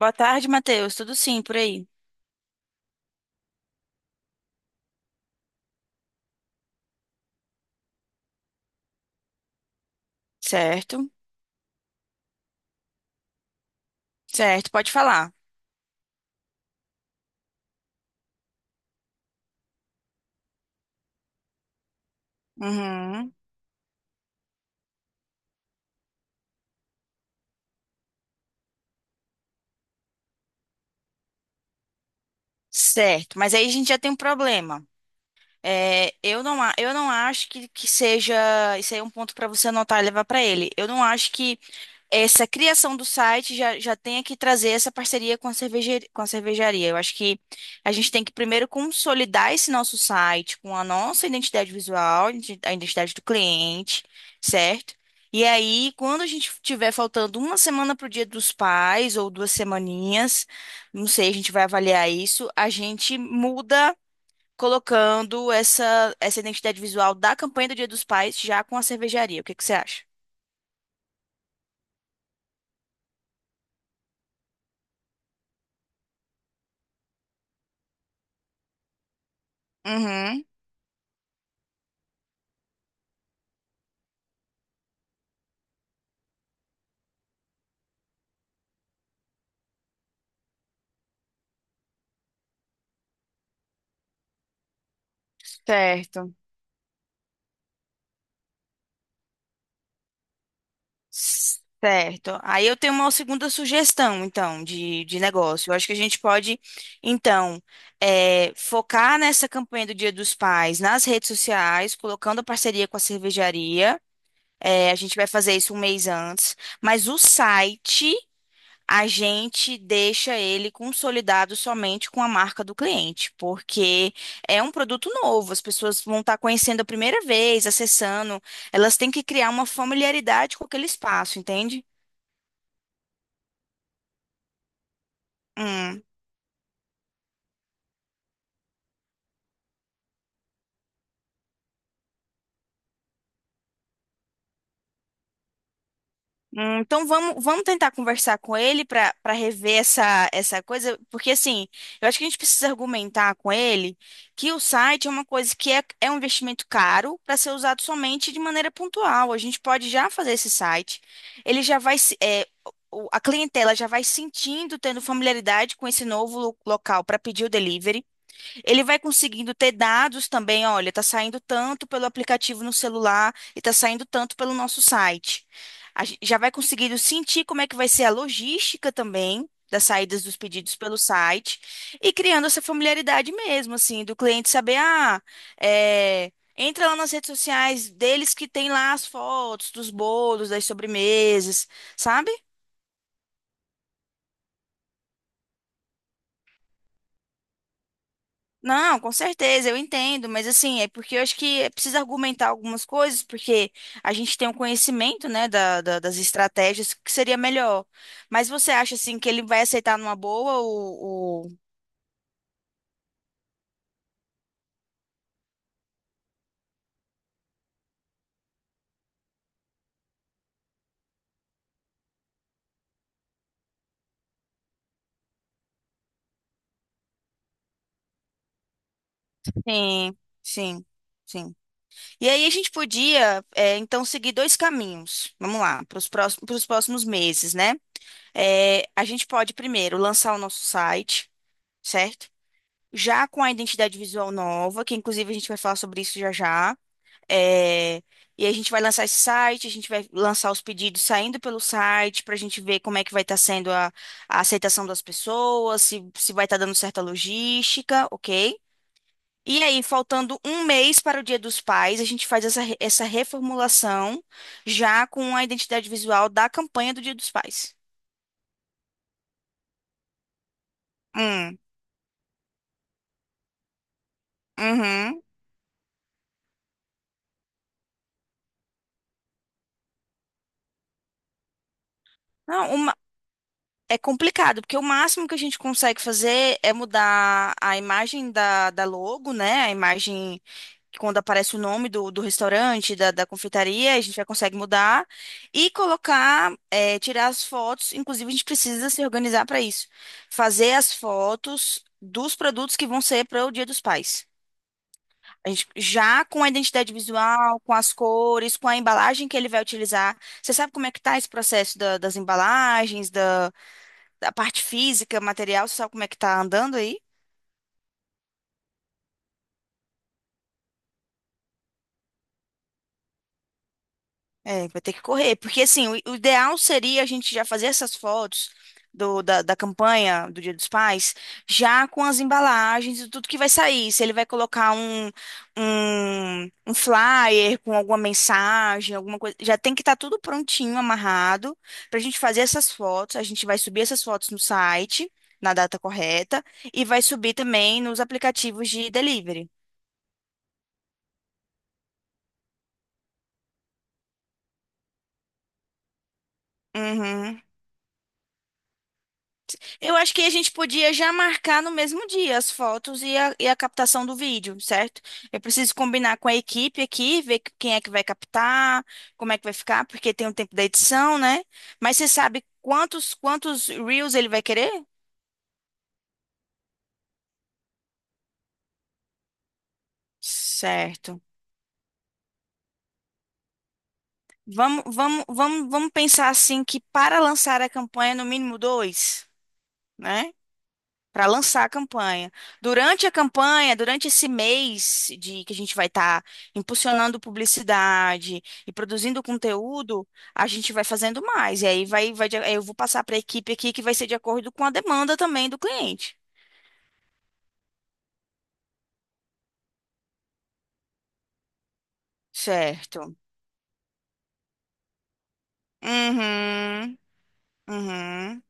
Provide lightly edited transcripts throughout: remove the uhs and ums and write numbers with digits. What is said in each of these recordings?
Boa tarde, Matheus. Tudo sim por aí? Certo? Certo, pode falar. Uhum. Certo, mas aí a gente já tem um problema. É, eu não, eu não acho que seja. Isso aí é um ponto para você anotar e levar para ele. Eu não acho que essa criação do site já tenha que trazer essa parceria com a com a cervejaria. Eu acho que a gente tem que primeiro consolidar esse nosso site com a nossa identidade visual, a identidade do cliente, certo? E aí, quando a gente tiver faltando uma semana para o Dia dos Pais, ou duas semaninhas, não sei, a gente vai avaliar isso, a gente muda colocando essa identidade visual da campanha do Dia dos Pais já com a cervejaria. O que que você acha? Uhum, certo. Certo. Aí eu tenho uma segunda sugestão, então, de negócio. Eu acho que a gente pode, então, focar nessa campanha do Dia dos Pais nas redes sociais, colocando a parceria com a cervejaria. A gente vai fazer isso um mês antes. Mas o site, a gente deixa ele consolidado somente com a marca do cliente, porque é um produto novo. As pessoas vão estar conhecendo a primeira vez, acessando. Elas têm que criar uma familiaridade com aquele espaço, entende? Hum. Então vamos tentar conversar com ele para rever essa coisa, porque assim, eu acho que a gente precisa argumentar com ele que o site é uma coisa que é um investimento caro para ser usado somente de maneira pontual. A gente pode já fazer esse site, ele já vai, a clientela já vai sentindo, tendo familiaridade com esse novo local para pedir o delivery. Ele vai conseguindo ter dados também, olha, tá saindo tanto pelo aplicativo no celular e tá saindo tanto pelo nosso site. Já vai conseguindo sentir como é que vai ser a logística também das saídas dos pedidos pelo site e criando essa familiaridade mesmo, assim, do cliente saber, ah, é, entra lá nas redes sociais deles que tem lá as fotos dos bolos, das sobremesas, sabe? Não, com certeza, eu entendo, mas assim, é porque eu acho que é preciso argumentar algumas coisas, porque a gente tem um conhecimento, né, das estratégias que seria melhor. Mas você acha, assim, que ele vai aceitar numa boa Sim, sim, sim. E aí a gente podia, então, seguir dois caminhos, vamos lá, para os próximos meses, né? É, a gente pode, primeiro, lançar o nosso site, certo? Já com a identidade visual nova, que inclusive a gente vai falar sobre isso já já. É, e a gente vai lançar esse site, a gente vai lançar os pedidos saindo pelo site para a gente ver como é que vai estar sendo a aceitação das pessoas, se vai estar dando certa logística, ok? E aí, faltando um mês para o Dia dos Pais, a gente faz essa reformulação já com a identidade visual da campanha do Dia dos Pais. Hum, uhum. Não, é complicado, porque o máximo que a gente consegue fazer é mudar a imagem da logo, né? A imagem quando aparece o nome do restaurante, da confeitaria, a gente já consegue mudar e colocar, tirar as fotos. Inclusive, a gente precisa se organizar para isso. Fazer as fotos dos produtos que vão ser para o Dia dos Pais. A gente já com a identidade visual, com as cores, com a embalagem que ele vai utilizar. Você sabe como é que tá esse processo das embalagens, da parte física, material? Você sabe como é que tá andando aí? É, vai ter que correr, porque assim, o ideal seria a gente já fazer essas fotos da campanha do Dia dos Pais, já com as embalagens e tudo que vai sair. Se ele vai colocar um flyer com alguma mensagem, alguma coisa, já tem que estar tudo prontinho, amarrado, para a gente fazer essas fotos. A gente vai subir essas fotos no site, na data correta, e vai subir também nos aplicativos de delivery. Uhum. Eu acho que a gente podia já marcar no mesmo dia as fotos e a captação do vídeo, certo? Eu preciso combinar com a equipe aqui, ver quem é que vai captar, como é que vai ficar, porque tem o tempo da edição, né? Mas você sabe quantos reels ele vai querer? Certo. Vamos pensar assim que para lançar a campanha, no mínimo dois, né? Para lançar a campanha. Durante a campanha, durante esse mês de que a gente vai estar impulsionando publicidade e produzindo conteúdo, a gente vai fazendo mais. E aí aí eu vou passar para a equipe aqui que vai ser de acordo com a demanda também do cliente. Certo. Uhum. Uhum.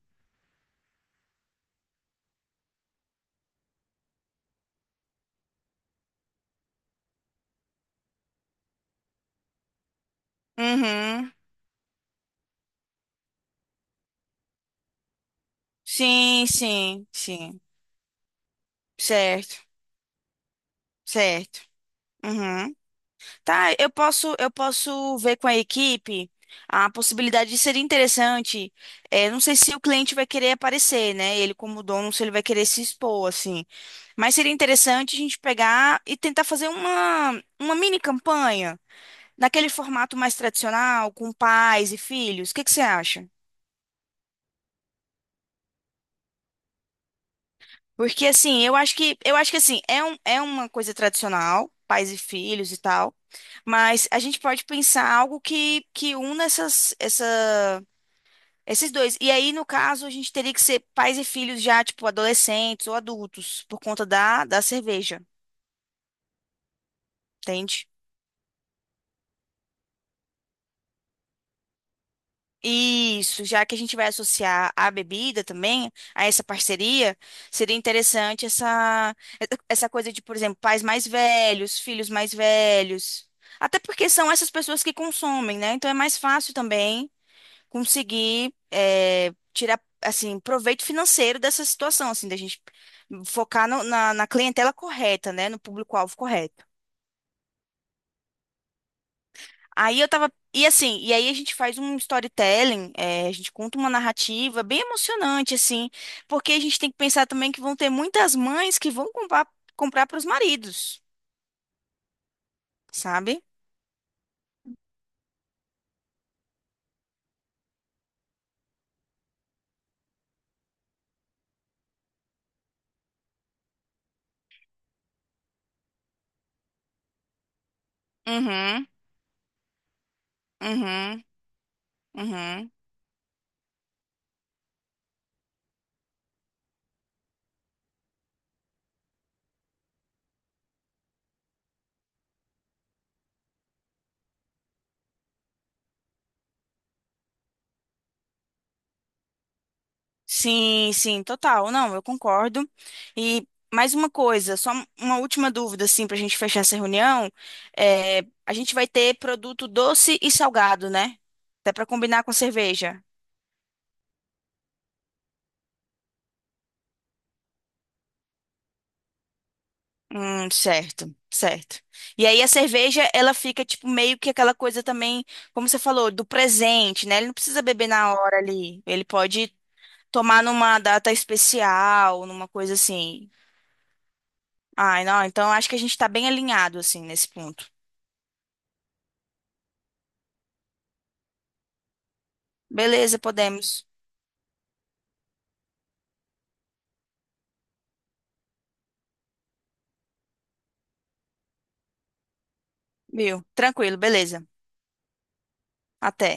Uhum. Sim, sim, sim. Certo. Certo. Uhum. Tá, eu posso ver com a equipe a possibilidade de ser interessante. É, não sei se o cliente vai querer aparecer, né? Ele como dono, se ele vai querer se expor, assim. Mas seria interessante a gente pegar e tentar fazer uma mini campanha naquele formato mais tradicional, com pais e filhos. O que que você acha? Porque assim, eu acho que assim, é uma coisa tradicional, pais e filhos e tal, mas a gente pode pensar algo que una essas essa Esses dois. E aí, no caso, a gente teria que ser pais e filhos já, tipo, adolescentes ou adultos, por conta da cerveja, entende? Isso, já que a gente vai associar a bebida também, a essa parceria, seria interessante essa coisa de, por exemplo, pais mais velhos, filhos mais velhos. Até porque são essas pessoas que consomem, né? Então é mais fácil também conseguir tirar assim proveito financeiro dessa situação, assim, da gente focar na clientela correta, né, no público-alvo correto. Aí eu tava e assim, e aí a gente faz um storytelling, a gente conta uma narrativa bem emocionante, assim, porque a gente tem que pensar também que vão ter muitas mães que vão comprar para os maridos, sabe? Uhum, uhum, uhum. sim, sim. Total, não, eu concordo. E mais uma coisa, só uma última dúvida, assim, para a gente fechar essa reunião. É, a gente vai ter produto doce e salgado, né? Até para combinar com a cerveja. Certo, certo. E aí a cerveja, ela fica, tipo, meio que aquela coisa também, como você falou, do presente, né? Ele não precisa beber na hora ali. Ele pode tomar numa data especial, numa coisa assim. Ai, não, então acho que a gente tá bem alinhado, assim, nesse ponto. Beleza, podemos. Viu? Tranquilo, beleza. Até.